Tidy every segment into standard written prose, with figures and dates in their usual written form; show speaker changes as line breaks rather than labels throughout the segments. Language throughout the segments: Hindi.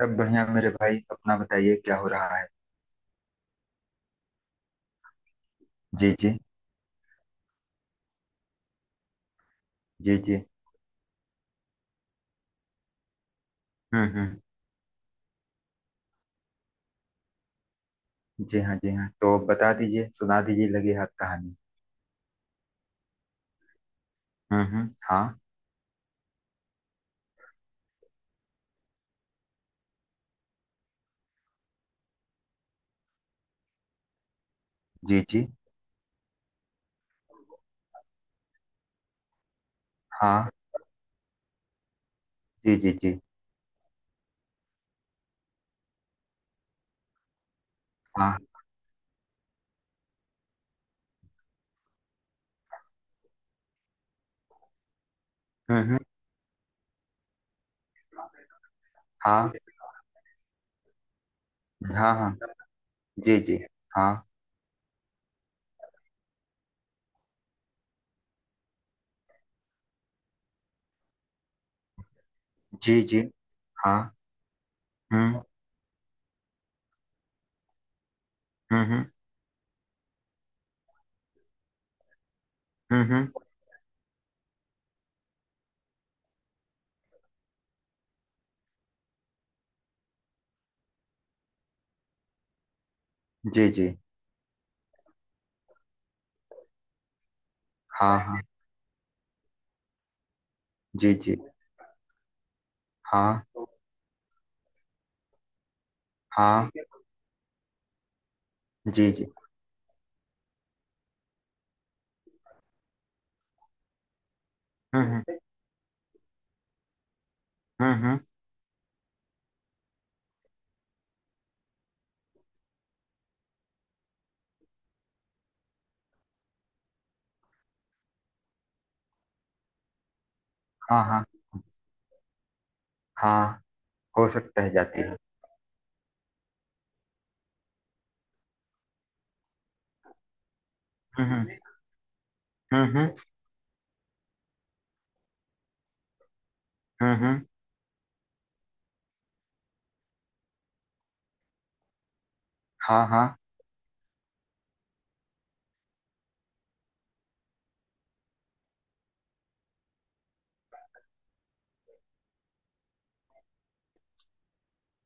सब बढ़िया मेरे भाई। अपना बताइए, क्या हो रहा है? जी जी। जी जी। हम्म। जी हाँ, जी हाँ। तो बता दीजिए, सुना दीजिए लगे हाथ कहानी। हम्म, हाँ। जी जी। हाँ। जी जी जी। हाँ। हम्म। हाँ हाँ। हाँ। जी जी। हाँ। जी जी। हाँ। हम्म हम्म। हम्म। जी जी। हाँ हाँ। जी जी। हाँ हाँ। जी जी। हम्म। हम्म। हाँ हाँ। हाँ, हो सकता है जाती है। हम्म। हम्म। हम्म। हाँ हाँ।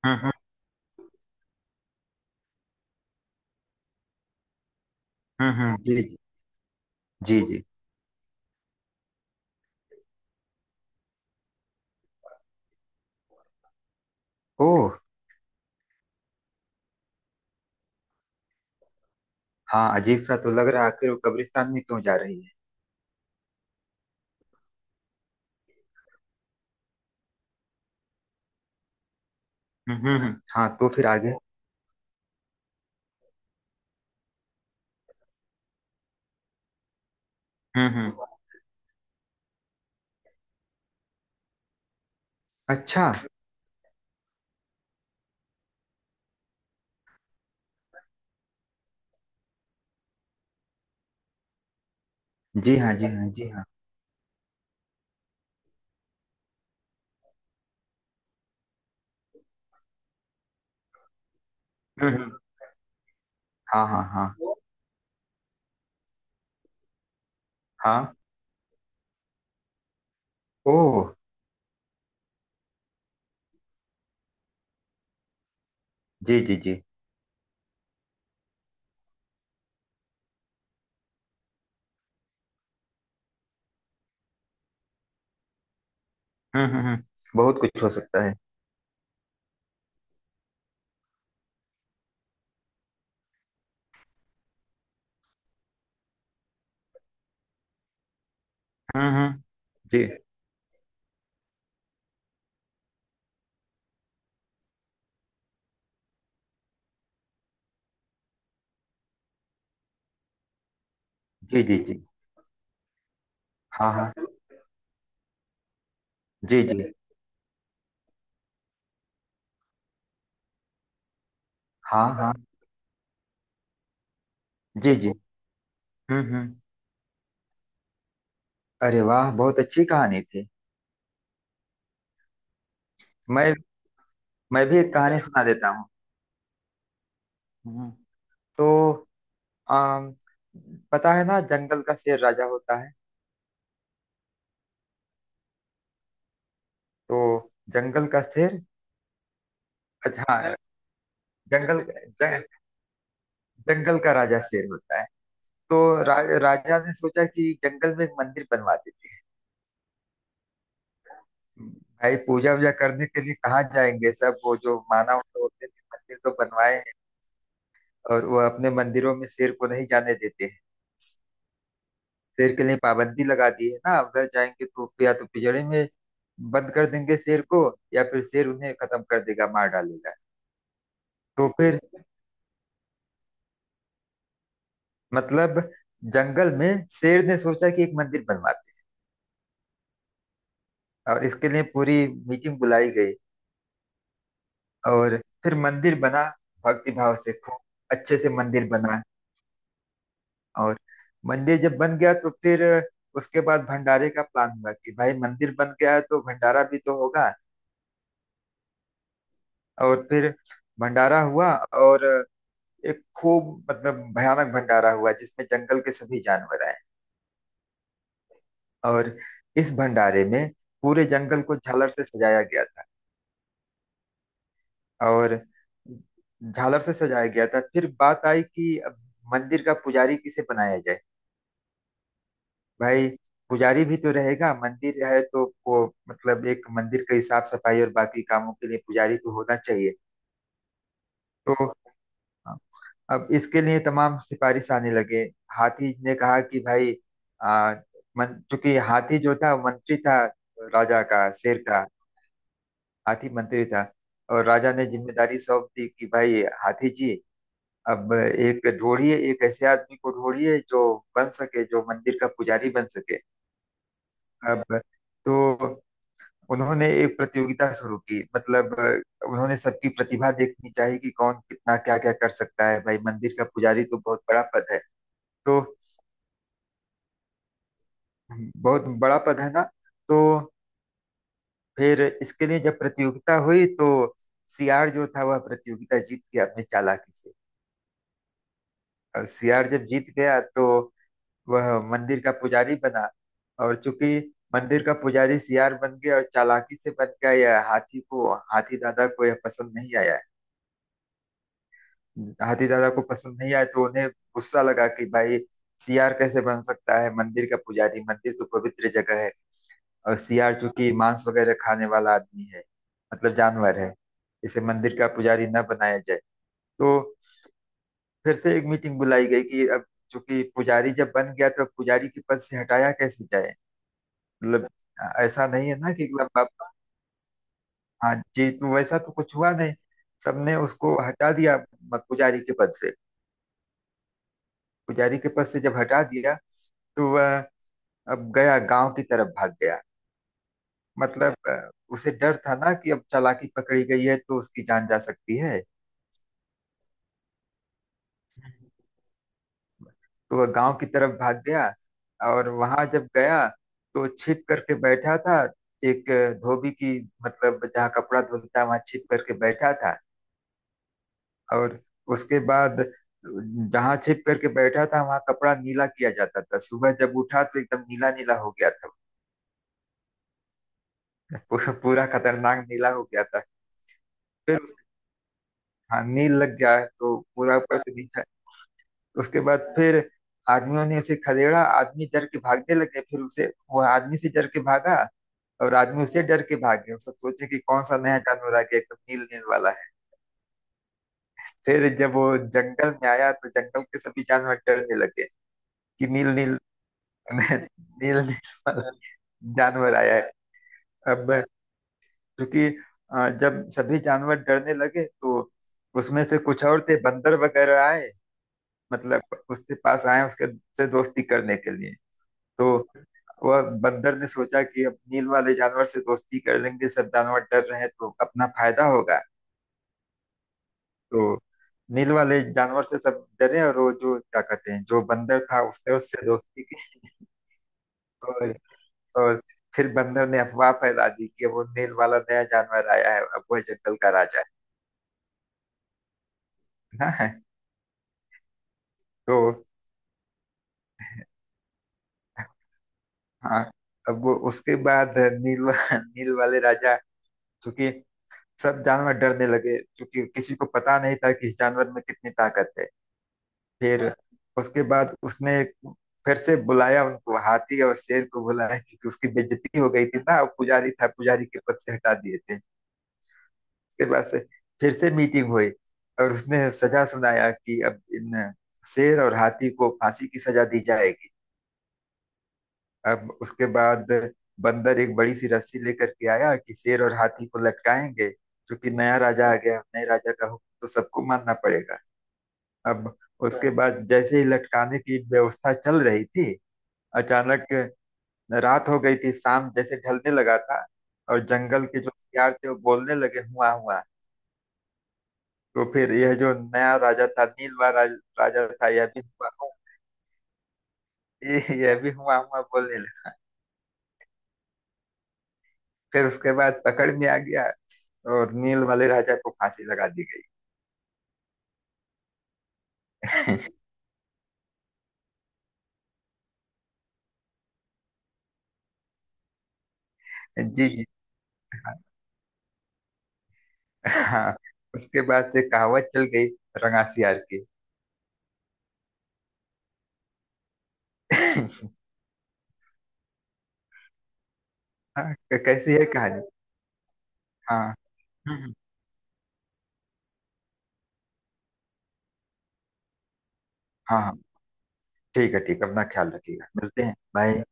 हम्म। जी जी। जी जी। ओह। हाँ, अजीब सा तो लग रहा है। आखिर वो कब्रिस्तान में क्यों जा रही है? हम्म। हाँ, तो फिर आगे? हम्म। अच्छा। जी हाँ, जी हाँ, जी हाँ। हम्म। हाँ हाँ हाँ। हाँ। ओह। जी जी जी। हम्म। बहुत कुछ हो सकता है। हम्म। जी। जी जी जी। हाँ हाँ। जी जी। हाँ हाँ। जी जी। हम्म। अरे वाह, बहुत अच्छी कहानी थी। मैं मैं भी एक कहानी सुना देता हूँ। हम्म। तो आम, पता है ना जंगल का शेर राजा होता है। तो जंगल का शेर। अच्छा। जंगल, जं, जंगल का राजा शेर होता है। तो राजा ने सोचा कि जंगल में एक मंदिर बनवा देते हैं। भाई, पूजा वूजा करने के लिए कहाँ जाएंगे सब? वो जो मानव होते हैं मंदिर तो बनवाए हैं, और वो अपने मंदिरों में शेर को नहीं जाने देते हैं। शेर के लिए पाबंदी लगा दी है ना, उधर जाएंगे तो या तो पिंजरे में बंद कर देंगे शेर को, या फिर शेर उन्हें खत्म कर देगा, मार डालेगा। तो फिर मतलब जंगल में शेर ने सोचा कि एक मंदिर बनवाते हैं। और इसके लिए पूरी मीटिंग बुलाई गई, और फिर मंदिर बना, भक्तिभाव से खूब अच्छे से मंदिर बना। और मंदिर जब बन गया तो फिर उसके बाद भंडारे का प्लान हुआ कि भाई, मंदिर बन गया है तो भंडारा भी तो होगा। और फिर भंडारा हुआ, और एक खूब मतलब भयानक भंडारा हुआ जिसमें जंगल के सभी जानवर आए। और इस भंडारे में पूरे जंगल को झालर से सजाया गया था, और झालर से सजाया गया था। फिर बात आई कि अब मंदिर का पुजारी किसे बनाया जाए। भाई, पुजारी भी तो रहेगा, मंदिर है तो वो मतलब एक मंदिर की साफ सफाई और बाकी कामों के लिए पुजारी तो होना चाहिए। तो अब इसके लिए तमाम सिफारिश आने लगे। हाथी ने कहा कि भाई, आ, मन, चूंकि हाथी जो था वो मंत्री था, राजा का, शेर का। हाथी मंत्री था। और राजा ने जिम्मेदारी सौंप दी कि भाई हाथी जी, अब एक ढूंढिए, एक ऐसे आदमी को ढूंढिए जो बन सके, जो मंदिर का पुजारी बन सके। अब तो उन्होंने एक प्रतियोगिता शुरू की। मतलब उन्होंने सबकी प्रतिभा देखनी चाहिए कि कौन कितना क्या क्या कर सकता है। भाई, मंदिर का पुजारी तो बहुत बड़ा पद है, तो बहुत बड़ा पद है ना। तो फिर इसके लिए जब प्रतियोगिता हुई तो सियार जो था वह प्रतियोगिता जीत गया अपनी चालाकी से। और सियार जब जीत गया तो वह मंदिर का पुजारी बना। और चूंकि मंदिर का पुजारी सियार बन गया और चालाकी से बन गया, यह हाथी को, हाथी दादा को यह पसंद नहीं आया। हाथी दादा को पसंद नहीं आया तो उन्हें गुस्सा लगा कि भाई, सियार कैसे बन सकता है मंदिर का पुजारी, मंदिर तो पवित्र जगह है। और सियार चूंकि मांस वगैरह खाने वाला आदमी है, मतलब जानवर है, इसे मंदिर का पुजारी न बनाया जाए। तो फिर से एक मीटिंग बुलाई गई कि अब चूंकि पुजारी जब बन गया तो पुजारी के पद से हटाया कैसे जाए। मतलब, ऐसा नहीं है ना कि मतलब आप, हाँ जी, तो वैसा तो कुछ हुआ नहीं। सबने उसको हटा दिया, पुजारी के पद से। पुजारी के पद से जब हटा दिया तो वह अब गया, गांव की तरफ भाग गया। मतलब उसे डर था ना कि अब चालाकी पकड़ी गई है तो उसकी जान जा सकती है। तो वह गांव की तरफ भाग गया, और वहां जब गया तो छिप करके बैठा था एक धोबी की, मतलब जहाँ कपड़ा धुलता है वहां छिप करके बैठा था। और उसके बाद, जहां छिप करके बैठा था वहां कपड़ा नीला किया जाता था, सुबह जब उठा तो एकदम नीला नीला हो गया था। पूरा पूरा खतरनाक नीला हो गया था। फिर उस- हाँ, नील लग गया है तो पूरा ऊपर से नीचे। उसके बाद फिर आदमियों ने उसे खदेड़ा, आदमी डर के भागने लगे, फिर उसे, वो आदमी से डर के भागा। और आदमी उससे डर के भाग गया, सब सोचे कि कौन सा नया जानवर आ गया, एकदम नील नील वाला है। फिर जब वो जंगल में आया तो जंगल के सभी जानवर डरने लगे कि नील नील, मैं, नील नील वाला जानवर आया है। अब, क्योंकि जब सभी जानवर डरने लगे तो उसमें से कुछ और थे, बंदर वगैरह आए, मतलब उसके पास आए उसके से दोस्ती करने के लिए। तो वह बंदर ने सोचा कि अब नील वाले जानवर से दोस्ती कर लेंगे, सब जानवर डर रहे हैं तो अपना फायदा होगा। तो नील वाले जानवर से सब डरे, और वो जो क्या कहते हैं जो बंदर था उसने उससे दोस्ती की। और और फिर बंदर ने अफवाह फैला दी कि वो नील वाला नया जानवर आया है, अब वह जंगल का राजा है ना। तो हाँ, अब वो उसके बाद, नील वा- नील वाले राजा, क्योंकि सब जानवर डरने लगे, क्योंकि किसी को पता नहीं था कि इस जानवर में कितनी ताकत है। फिर उसके बाद उसने फिर से बुलाया उनको, हाथी और शेर को बुलाया, क्योंकि उसकी बेइज्जती हो गई थी ना, पुजारी था, पुजारी के पद से हटा दिए थे। उसके बाद से फिर से मीटिंग हुई, और उसने सजा सुनाया कि अब इन शेर और हाथी को फांसी की सजा दी जाएगी। अब उसके बाद बंदर एक बड़ी सी रस्सी लेकर के आया कि शेर और हाथी को लटकाएंगे, क्योंकि नया राजा आ गया, नए राजा का हुक्म तो सबको मानना पड़ेगा। अब उसके, हाँ, बाद जैसे ही लटकाने की व्यवस्था चल रही थी, अचानक रात हो गई थी, शाम जैसे ढलने लगा था, और जंगल के जो हथियार थे वो बोलने लगे हुआ हुआ। तो फिर यह जो नया राजा था, नीलवा राजा था, यह भी हुआ हुआ, यह भी हुआ हुआ बोलने लगा। फिर उसके बाद पकड़ में आ गया और नील वाले राजा को फांसी लगा दी गई। जी जी। हाँ, उसके बाद से कहावत चल गई, रंगासियार की। हाँ, कैसी है कहानी? हाँ। हम्म। हाँ हाँ। ठीक है, ठीक है, अपना ख्याल रखिएगा। मिलते हैं। बाय।